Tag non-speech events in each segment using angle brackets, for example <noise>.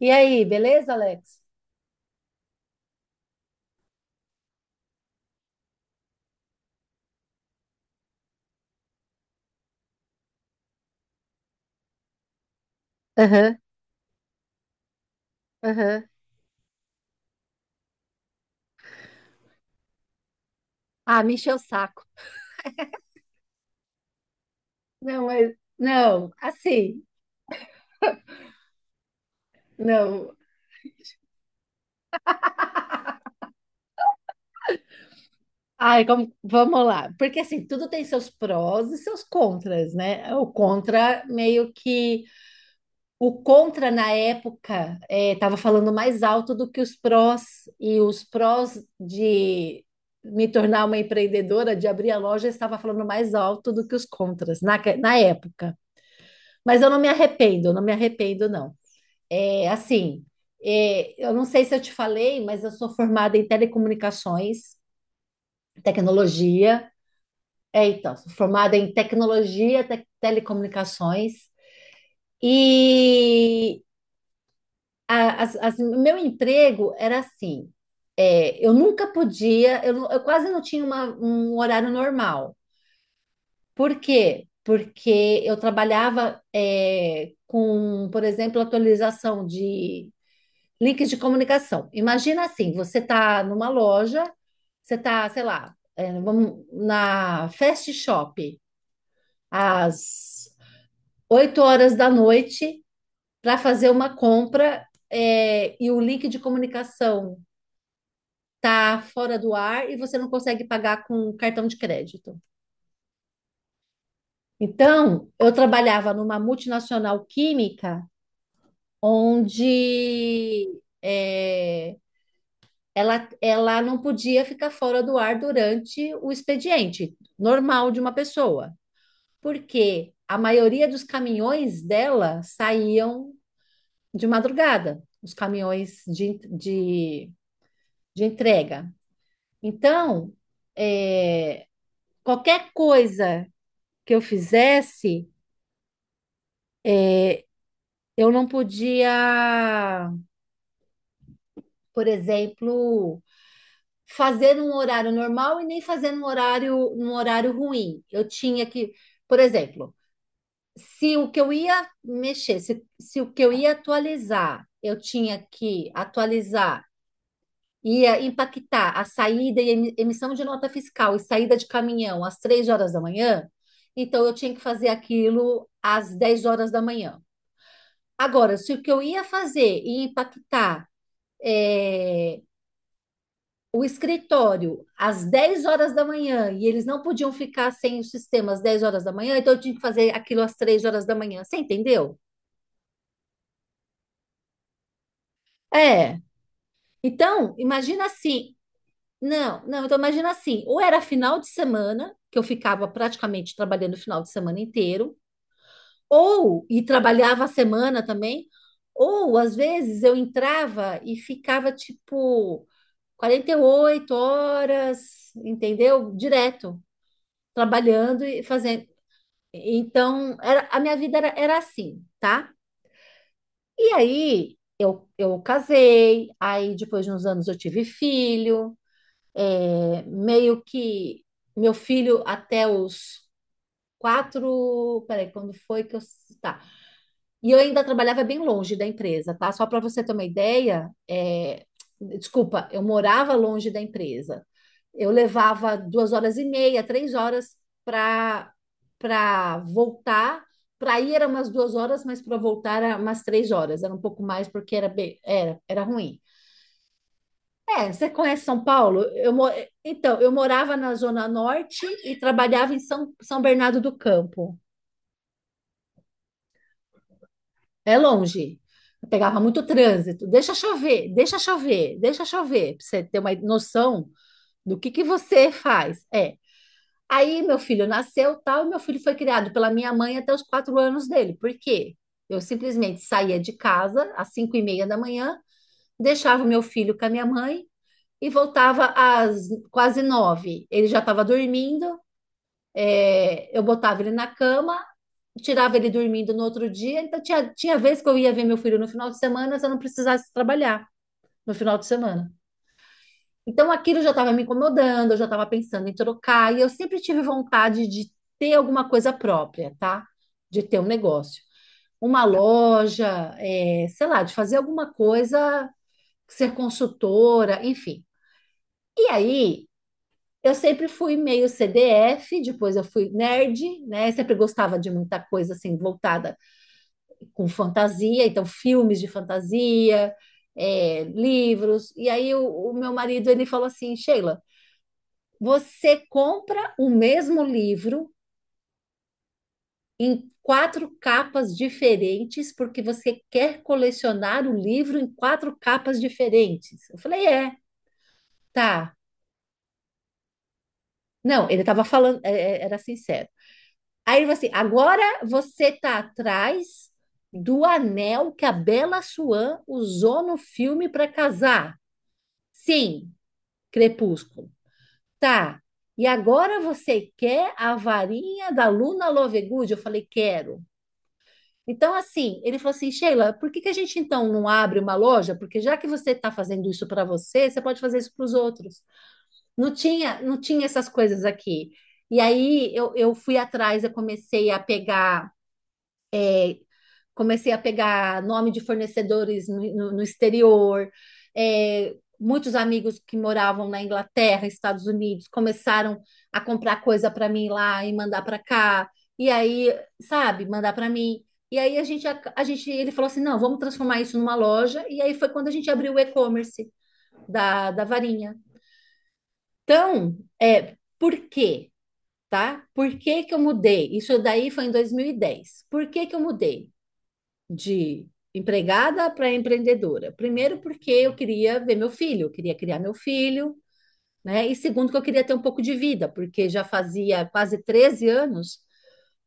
E aí, beleza, Alex? Aham, aham. Ah, me encheu o saco. Não, mas não, assim, não. Ai, como, vamos lá. Porque assim, tudo tem seus prós e seus contras, né? O contra meio que o contra na época estava falando mais alto do que os prós e os prós de me tornar uma empreendedora, de abrir a loja, estava falando mais alto do que os contras na época. Mas eu não me arrependo, eu não me arrependo, não. É, assim, eu não sei se eu te falei, mas eu sou formada em telecomunicações, tecnologia. É, então, sou formada em tecnologia, telecomunicações. E meu emprego era assim: eu nunca podia, eu quase não tinha um horário normal. Por quê? Porque eu trabalhava com, por exemplo, atualização links de comunicação. Imagina assim, você está numa loja, você está, sei lá, na Fast Shop, às 8 horas da noite, para fazer uma compra, e o link de comunicação está fora do ar e você não consegue pagar com cartão de crédito. Então, eu trabalhava numa multinacional química, onde... é, ela, ela não podia ficar fora do ar durante o expediente normal de uma pessoa, porque a maioria dos caminhões dela saíam de madrugada, os caminhões de entrega. Então, é, qualquer coisa que eu fizesse, eu não podia, por exemplo, fazer num horário normal e nem fazer num horário ruim. Eu tinha que, por exemplo, se o que eu ia mexer, se o que eu ia atualizar, eu tinha que atualizar, ia impactar a saída e emissão de nota fiscal e saída de caminhão às 3 horas da manhã, então eu tinha que fazer aquilo às 10 horas da manhã. Agora, se o que eu ia fazer ia impactar eh, o escritório às 10 horas da manhã e eles não podiam ficar sem o sistema às 10 horas da manhã, então eu tinha que fazer aquilo às 3 horas da manhã. Você entendeu? É. Então, imagina assim. Não, não, então imagina assim, ou era final de semana, que eu ficava praticamente trabalhando o final de semana inteiro, ou e trabalhava a semana também, ou às vezes eu entrava e ficava tipo 48 horas, entendeu? Direto, trabalhando e fazendo. Então, a minha vida era assim, tá? E aí eu casei, aí depois de uns anos eu tive filho. É, meio que meu filho até os 4. Peraí, quando foi que eu. Tá. E eu ainda trabalhava bem longe da empresa, tá? Só para você ter uma ideia, desculpa, eu morava longe da empresa. Eu levava 2 horas e meia, 3 horas para para voltar. Para ir eram umas 2 horas, mas para voltar era umas 3 horas. Era um pouco mais porque era ruim. É, você conhece São Paulo? Então, eu morava na Zona Norte e trabalhava em São Bernardo do Campo. É longe. Eu pegava muito trânsito. Deixa chover, deixa chover, deixa chover, para você ter uma noção do que você faz. É. Aí meu filho nasceu, tal, e meu filho foi criado pela minha mãe até os 4 anos dele. Por quê? Eu simplesmente saía de casa às 5h30 da manhã, deixava o meu filho com a minha mãe e voltava às quase nove. Ele já estava dormindo. Eu botava ele na cama, tirava ele dormindo no outro dia. Então, tinha vez que eu ia ver meu filho no final de semana se eu não precisasse trabalhar no final de semana. Então, aquilo já estava me incomodando, eu já estava pensando em trocar. E eu sempre tive vontade de ter alguma coisa própria, tá? De ter um negócio. Uma loja, sei lá, de fazer alguma coisa, ser consultora, enfim. E aí, eu sempre fui meio CDF, depois eu fui nerd, né? Sempre gostava de muita coisa assim voltada com fantasia, então filmes de fantasia, livros. E aí o meu marido ele falou assim, Sheila, você compra o mesmo livro em quatro capas diferentes porque você quer colecionar o livro em quatro capas diferentes. Eu falei, é, tá. Não, ele estava falando, era sincero. Aí ele falou assim: agora você está atrás do anel que a Bella Swan usou no filme para casar. Sim, Crepúsculo. Tá. E agora você quer a varinha da Luna Lovegood? Eu falei: quero. Então, assim, ele falou assim: Sheila, por que que a gente então não abre uma loja? Porque já que você está fazendo isso para você, você pode fazer isso para os outros. Não tinha essas coisas aqui. E aí eu fui atrás, eu comecei a pegar é, comecei a pegar nome de fornecedores no exterior. É, muitos amigos que moravam na Inglaterra, Estados Unidos, começaram a comprar coisa para mim lá e mandar para cá. E aí, sabe, mandar para mim. E aí a gente, ele falou assim, não, vamos transformar isso numa loja. E aí foi quando a gente abriu o e-commerce da Varinha. Então, por quê? Tá? Por que que eu mudei? Isso daí foi em 2010. Por que que eu mudei? De empregada para empreendedora. Primeiro, porque eu queria ver meu filho, eu queria criar meu filho, né? E segundo, que eu queria ter um pouco de vida, porque já fazia quase 13 anos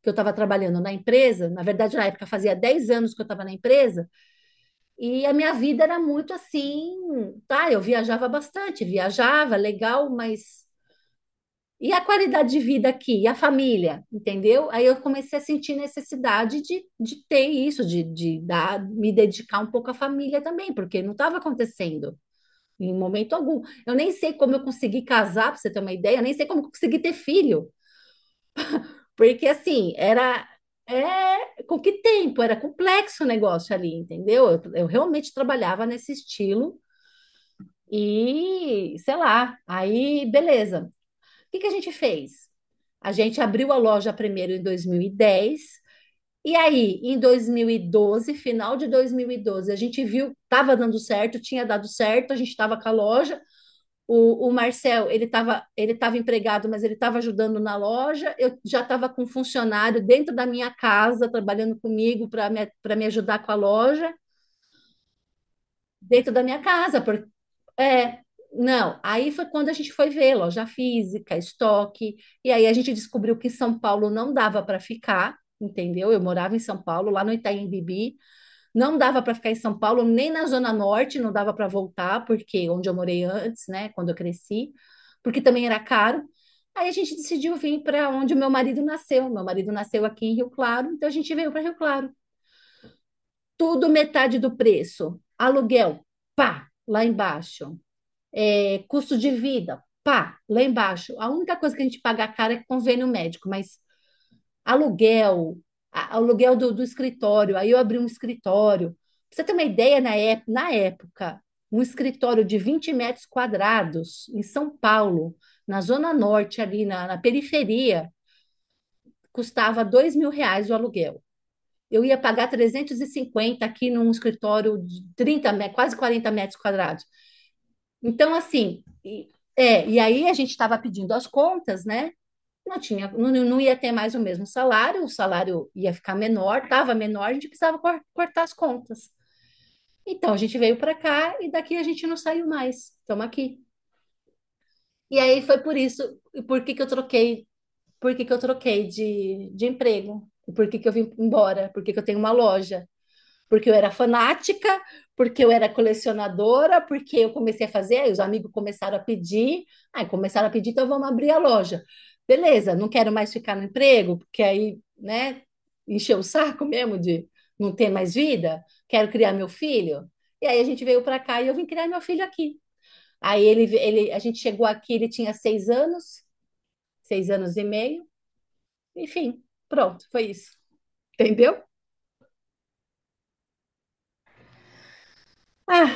que eu estava trabalhando na empresa. Na verdade, na época fazia 10 anos que eu estava na empresa, e a minha vida era muito assim, tá? Eu viajava bastante, viajava, legal, mas e a qualidade de vida aqui, e a família, entendeu? Aí eu comecei a sentir necessidade de ter isso, de me dedicar um pouco à família também, porque não estava acontecendo em momento algum. Eu nem sei como eu consegui casar, para você ter uma ideia, eu nem sei como eu consegui ter filho, porque assim, era. É, com que tempo? Era complexo o negócio ali, entendeu? Eu realmente trabalhava nesse estilo e, sei lá, aí beleza. O que que a gente fez? A gente abriu a loja primeiro em 2010 e aí, em 2012, final de 2012, a gente viu, estava dando certo, tinha dado certo, a gente estava com a loja. O Marcel, ele estava empregado, mas ele estava ajudando na loja. Eu já estava com um funcionário dentro da minha casa, trabalhando comigo pra me ajudar com a loja dentro da minha casa, porque é, não. Aí foi quando a gente foi ver loja física, estoque, e aí a gente descobriu que São Paulo não dava para ficar, entendeu? Eu morava em São Paulo, lá no Itaim Bibi, não dava para ficar em São Paulo, nem na Zona Norte, não dava para voltar, porque onde eu morei antes, né, quando eu cresci, porque também era caro. Aí a gente decidiu vir para onde o meu marido nasceu. Meu marido nasceu aqui em Rio Claro, então a gente veio para Rio Claro tudo metade do preço. Aluguel, pá, lá embaixo. É, custo de vida, pá, lá embaixo. A única coisa que a gente paga cara é convênio médico, mas aluguel, aluguel do escritório. Aí eu abri um escritório. Pra você ter uma ideia, na época, um escritório de 20 metros quadrados em São Paulo, na Zona Norte, ali na periferia, custava R$ 2.000 o aluguel. Eu ia pagar 350 aqui num escritório de quase 40 metros quadrados. Então, assim, e aí a gente estava pedindo as contas, né? Não tinha. Não, não ia ter mais o mesmo salário, o salário ia ficar menor, estava menor, a gente precisava cortar as contas. Então, a gente veio para cá e daqui a gente não saiu mais. Estamos aqui. E aí foi por isso, e por que que eu troquei, por que que eu troquei de emprego? Por que que eu vim embora? Por que que eu tenho uma loja? Porque eu era fanática, porque eu era colecionadora, porque eu comecei a fazer, aí os amigos começaram a pedir, aí começaram a pedir, então vamos abrir a loja. Beleza, não quero mais ficar no emprego, porque aí, né, encheu o saco mesmo de não ter mais vida, quero criar meu filho. E aí a gente veio para cá e eu vim criar meu filho aqui. Aí a gente chegou aqui, ele tinha 6 anos, 6 anos e meio, enfim, pronto, foi isso. Entendeu? Ah,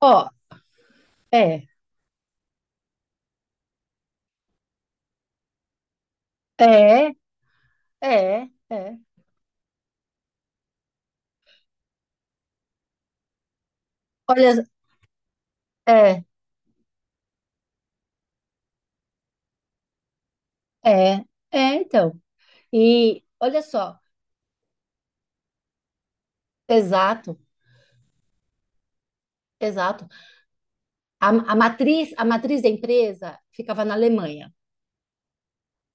ó, é, é, é, é. Olha, é, é, é, então. E olha só, exato, exato. A matriz da empresa ficava na Alemanha.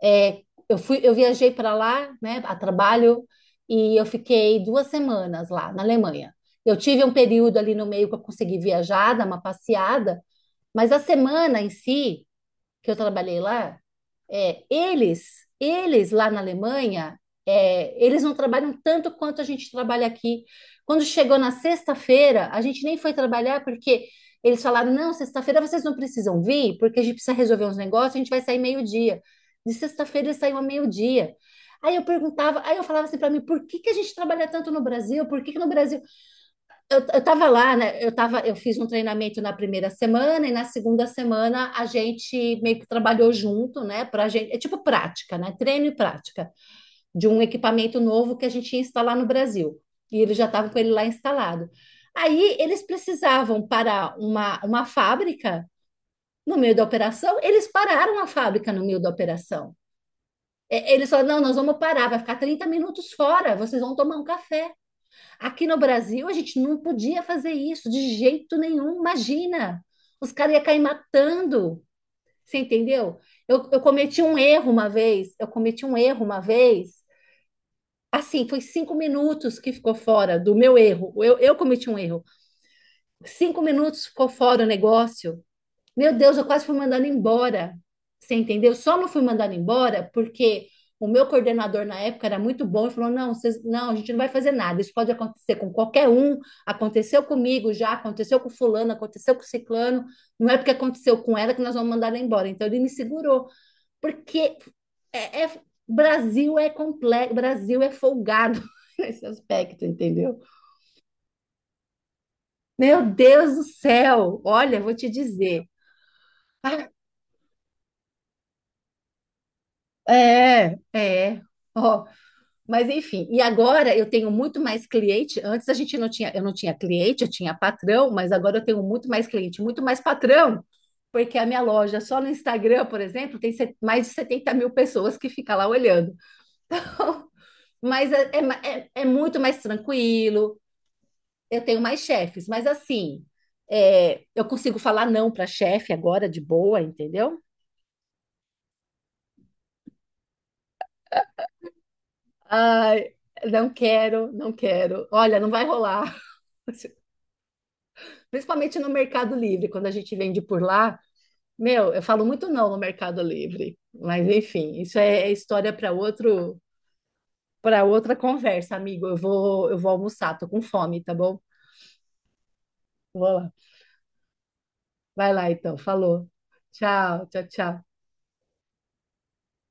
É, eu viajei para lá, né, a trabalho, e eu fiquei 2 semanas lá na Alemanha. Eu tive um período ali no meio que eu consegui viajar, dar uma passeada, mas a semana em si que eu trabalhei lá, é, eles, eles lá na Alemanha, eles não trabalham tanto quanto a gente trabalha aqui. Quando chegou na sexta-feira, a gente nem foi trabalhar porque eles falaram: não, sexta-feira vocês não precisam vir, porque a gente precisa resolver uns negócios, a gente vai sair meio-dia. De sexta-feira eles saíam a meio-dia. Aí eu perguntava, aí eu falava assim para mim, por que que a gente trabalha tanto no Brasil? Por que que no Brasil? Eu estava lá, né? Eu fiz um treinamento na primeira semana e na segunda semana a gente meio que trabalhou junto, né? Pra gente, é tipo prática, né? Treino e prática de um equipamento novo que a gente ia instalar no Brasil. E eles já estavam com ele lá instalado. Aí eles precisavam parar uma fábrica no meio da operação, eles pararam a fábrica no meio da operação. É, eles falaram: não, nós vamos parar, vai ficar 30 minutos fora, vocês vão tomar um café. Aqui no Brasil, a gente não podia fazer isso de jeito nenhum, imagina. Os caras iam cair matando, você entendeu? Eu cometi um erro uma vez, eu cometi um erro uma vez, assim, foi 5 minutos que ficou fora do meu erro, eu cometi um erro. 5 minutos ficou fora o negócio, meu Deus, eu quase fui mandada embora. Você entendeu? Só não fui mandada embora porque o meu coordenador na época era muito bom e falou: não, vocês, não, a gente não vai fazer nada. Isso pode acontecer com qualquer um. Aconteceu comigo já, aconteceu com fulano, aconteceu com ciclano. Não é porque aconteceu com ela que nós vamos mandar ela embora. Então ele me segurou, porque é, é- Brasil é complexo, Brasil é folgado <laughs> nesse aspecto, entendeu? Meu Deus do céu! Olha, vou te dizer. É, é. Ó, mas enfim, e agora eu tenho muito mais cliente. Antes a gente não tinha, eu não tinha cliente, eu tinha patrão, mas agora eu tenho muito mais cliente, muito mais patrão, porque a minha loja só no Instagram, por exemplo, tem mais de 70 mil pessoas que ficam lá olhando. <laughs> Mas é muito mais tranquilo, eu tenho mais chefes, mas assim, eu consigo falar não para chefe agora de boa, entendeu? Ai, não quero, não quero. Olha, não vai rolar. <laughs> Principalmente no Mercado Livre, quando a gente vende por lá, meu, eu falo muito não no Mercado Livre. Mas enfim, isso é história para outra conversa, amigo. Eu vou almoçar, tô com fome, tá bom? Vou lá. Vai lá então, falou. Tchau, tchau, tchau.